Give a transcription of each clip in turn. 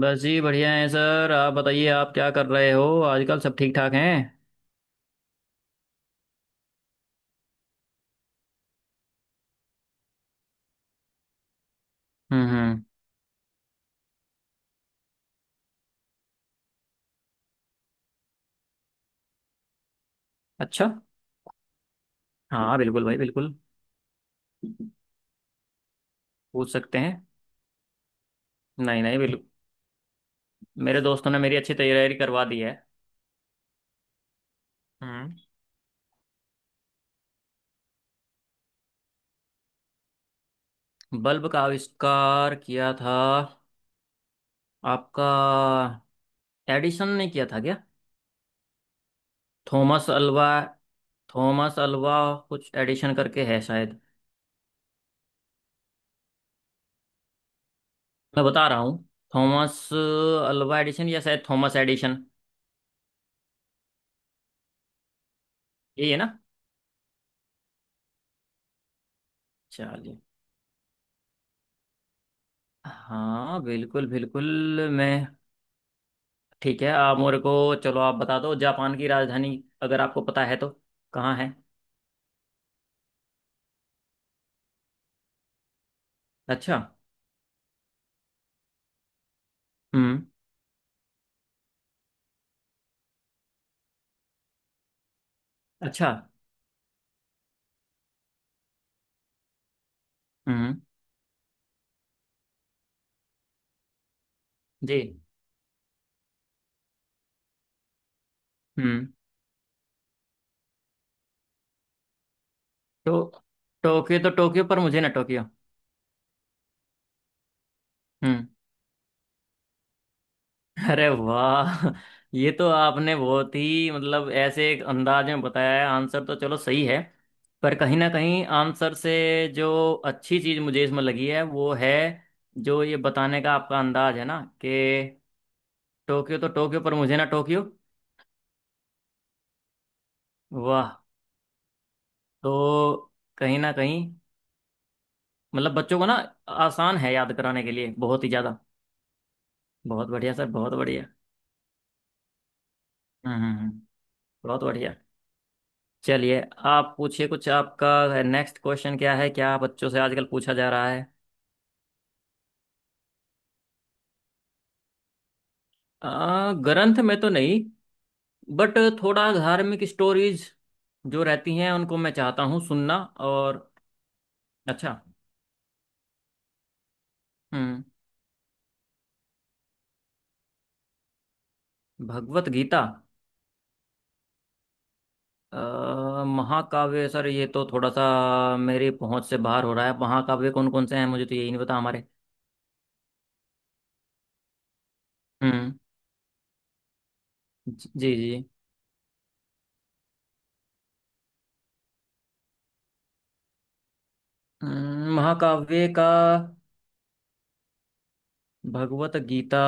बस जी बढ़िया है सर। आप बताइए आप क्या कर रहे हो आजकल? सब ठीक ठाक हैं। हम्म। अच्छा। हाँ बिल्कुल भाई बिल्कुल। पूछ सकते हैं। नहीं नहीं बिल्कुल। मेरे दोस्तों ने मेरी अच्छी तैयारी करवा दी है। हम्म। बल्ब का आविष्कार किया था आपका? एडिसन ने किया था क्या? Thomas Alva. Thomas Alva. कुछ एडिशन करके है शायद। मैं बता रहा हूँ। थॉमस अल्वा एडिशन या शायद थॉमस एडिशन। यही है ना। चलिए। हाँ बिल्कुल बिल्कुल। मैं ठीक है आप मेरे को चलो आप बता दो जापान की राजधानी अगर आपको पता है तो कहाँ है। अच्छा। हम्म। अच्छा। हम्म। जी। हम्म। तो तो टोक्यो पर मुझे ना टोक्यो। हम्म। अरे वाह! ये तो आपने बहुत ही मतलब ऐसे एक अंदाज में बताया है। आंसर तो चलो सही है, पर कहीं ना कहीं आंसर से जो अच्छी चीज मुझे इसमें लगी है वो है जो ये बताने का आपका अंदाज है ना कि टोक्यो तो टोक्यो पर मुझे ना टोक्यो। वाह! तो कहीं ना कहीं मतलब बच्चों को ना आसान है याद कराने के लिए, बहुत ही ज्यादा। बहुत बढ़िया सर, बहुत बढ़िया। हम्म हम्म, हम्म, बहुत बढ़िया। चलिए आप पूछिए। कुछ आपका नेक्स्ट क्वेश्चन क्या है, क्या बच्चों से आजकल पूछा जा रहा है? ग्रंथ में तो नहीं, बट थोड़ा धार्मिक स्टोरीज जो रहती हैं उनको मैं चाहता हूँ सुनना। और अच्छा। हम्म। भगवत गीता। महाकाव्य सर ये तो थोड़ा सा मेरी पहुंच से बाहर हो रहा है। महाकाव्य कौन कौन से हैं मुझे तो यही नहीं पता हमारे। हम्म। जी जी जी। महाकाव्य का भगवत गीता।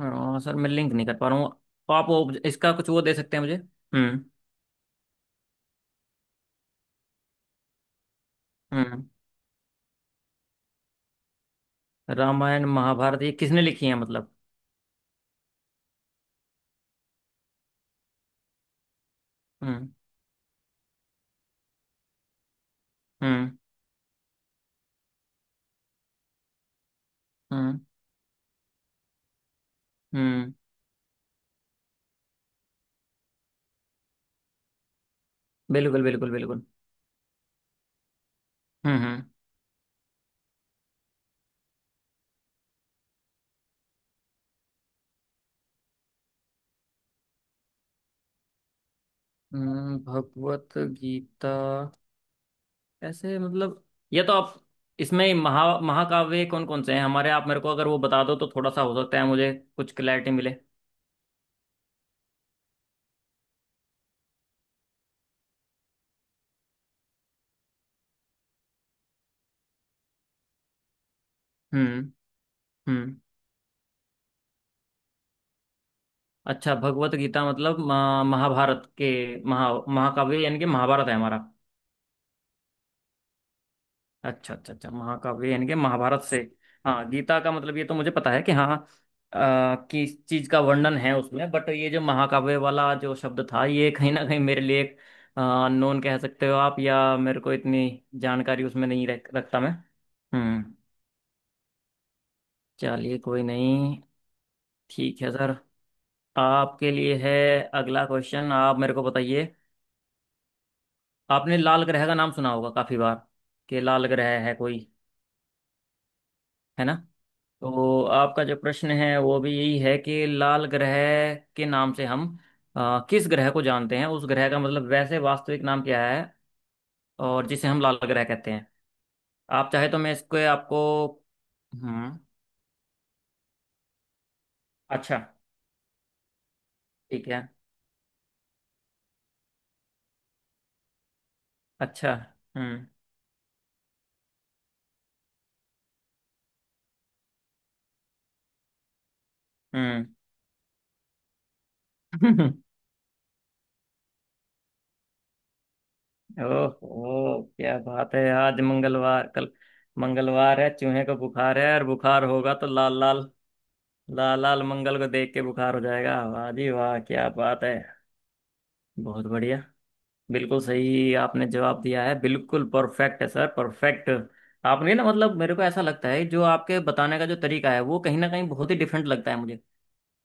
हाँ सर मैं लिंक नहीं कर पा रहा हूँ। तो आप वो इसका कुछ वो दे सकते हैं मुझे? हम्म। हम्म। रामायण महाभारत ये किसने लिखी है मतलब? हम्म। हम्म। हम्म। हम्म। बिल्कुल बिल्कुल बिल्कुल। हम्म। हम्म। भगवत गीता ऐसे मतलब? ये तो आप इसमें महा महाकाव्य कौन कौन से हैं हमारे, आप मेरे को अगर वो बता दो तो थोड़ा सा हो सकता है मुझे कुछ क्लैरिटी मिले। हम्म। हम्म। अच्छा भगवत गीता मतलब महाभारत के महा महाकाव्य यानी कि महाभारत है हमारा। अच्छा अच्छा अच्छा, महाकाव्य यानी कि महाभारत से। हाँ गीता का मतलब ये तो मुझे पता है कि हाँ किस चीज का वर्णन है उसमें, बट ये जो महाकाव्य वाला जो शब्द था ये कहीं ना कहीं मेरे लिए एक अननोन कह सकते हो आप, या मेरे को इतनी जानकारी उसमें नहीं रखता मैं। हम्म। चलिए कोई नहीं। ठीक है सर। आपके लिए है अगला क्वेश्चन, आप मेरे को बताइए। आपने लाल ग्रह का नाम सुना होगा काफी बार कि लाल ग्रह है कोई। है ना। तो आपका जो प्रश्न है वो भी यही है कि लाल ग्रह के नाम से हम किस ग्रह को जानते हैं, उस ग्रह का मतलब वैसे वास्तविक नाम क्या है और जिसे हम लाल ग्रह कहते हैं। आप चाहे तो मैं इसको आपको। हम्म। अच्छा ठीक है। अच्छा। हम्म। हम्म। ओहो क्या बात है! आज मंगलवार, कल मंगलवार है, चूहे को बुखार है, और बुखार होगा तो लाल लाल। लाल लाल मंगल को देख के बुखार हो जाएगा। वाह जी वाह, क्या बात है! बहुत बढ़िया। बिल्कुल सही आपने जवाब दिया है, बिल्कुल परफेक्ट है सर, परफेक्ट। आपने ना मतलब, मेरे को ऐसा लगता है जो आपके बताने का जो तरीका है वो कहीं ना कहीं बहुत ही डिफरेंट लगता है मुझे।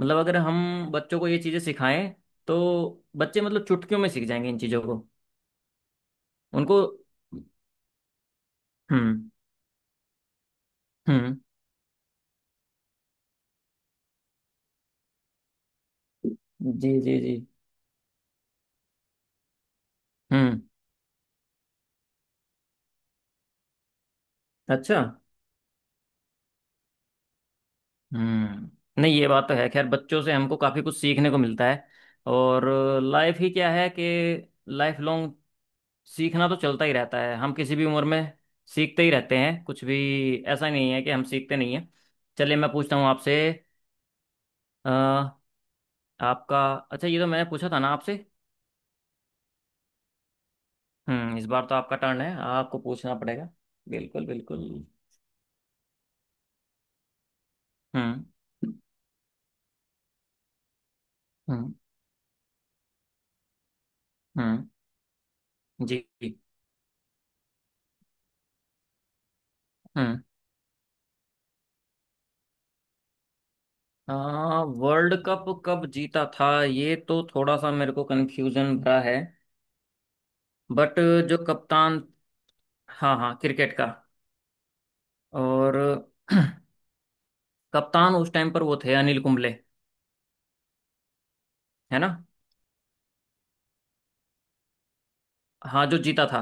मतलब अगर हम बच्चों को ये चीज़ें सिखाएं तो बच्चे मतलब चुटकियों में सीख जाएंगे इन चीज़ों को। उनको। हम्म हम्म। जी जी जी। हम्म। अच्छा। हम्म। नहीं ये बात तो है, खैर बच्चों से हमको काफ़ी कुछ सीखने को मिलता है। और लाइफ ही क्या है कि लाइफ लॉन्ग सीखना तो चलता ही रहता है, हम किसी भी उम्र में सीखते ही रहते हैं कुछ भी। ऐसा नहीं है कि हम सीखते नहीं हैं। चलिए मैं पूछता हूँ आपसे। अ, आपका अच्छा ये तो मैंने पूछा था ना आपसे। हम्म। इस बार तो आपका टर्न है, आपको पूछना पड़ेगा। बिल्कुल बिल्कुल। हम्म। हम्म। हम्म। जी जी, हम्म। हाँ, वर्ल्ड कप कब जीता था ये तो थोड़ा सा मेरे को कंफ्यूजन भरा है, बट जो कप्तान। हाँ हाँ क्रिकेट का। और कप्तान उस टाइम पर वो थे अनिल कुंबले। है ना। हाँ जो जीता था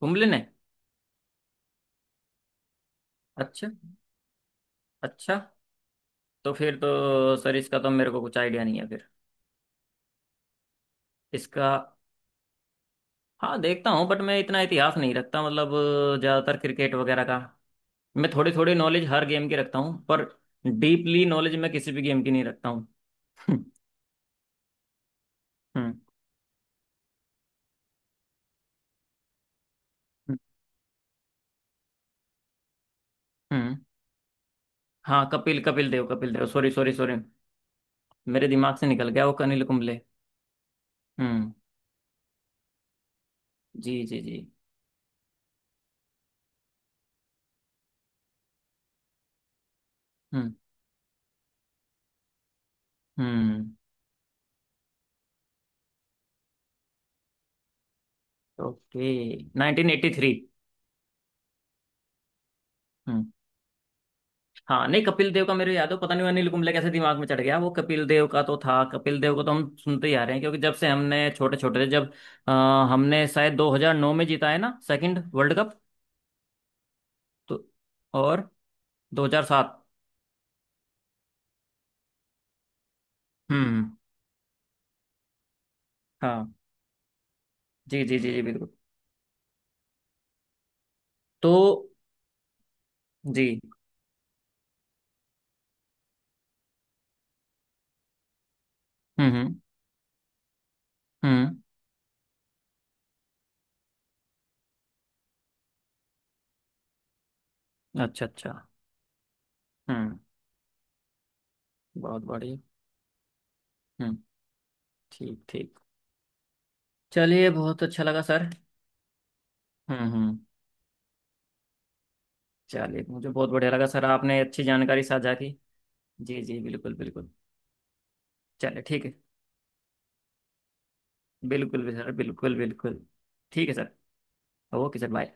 कुंबले ने। अच्छा। अच्छा। तो फिर तो सर इसका तो मेरे को कुछ आइडिया नहीं है फिर इसका। हाँ देखता हूँ बट मैं इतना इतिहास नहीं रखता मतलब ज़्यादातर क्रिकेट वगैरह का। मैं थोड़ी थोड़ी नॉलेज हर गेम की रखता हूँ, पर डीपली नॉलेज मैं किसी भी गेम की नहीं रखता हूँ। हम्म हम्म। हाँ Kapil Kapil Dev, Kapil Dev, sorry sorry sorry. मेरे दिमाग से निकल गया वो अनिल कुंबले। हम्म। जी जी जी। हम्म। हम्म। ओके। Nineteen eighty three. हम्म। हाँ, नहीं कपिल देव का मेरे याद हो, पता नहीं वो अनिल कुंबले कैसे दिमाग में चढ़ गया। वो कपिल देव का तो था, कपिल देव को तो हम सुनते ही आ रहे हैं क्योंकि जब से हमने छोटे छोटे थे जब। अ, हमने शायद 2009 में जीता है ना सेकंड वर्ल्ड कप? तो और 2007। हम्म। हाँ। जी जी जी जी बिल्कुल। तो। जी। हम्म। हम्म, अच्छा अच्छा। हम्म। बहुत बढ़िया। हम्म। ठीक ठीक। चलिए बहुत अच्छा लगा सर। हम्म। चलिए मुझे बहुत बढ़िया लगा सर, आपने अच्छी जानकारी साझा की। जी जी बिल्कुल बिल्कुल। चलिए ठीक है। बिल्कुल भी सर, बिल्कुल बिल्कुल। ठीक है सर। Okay sir bye.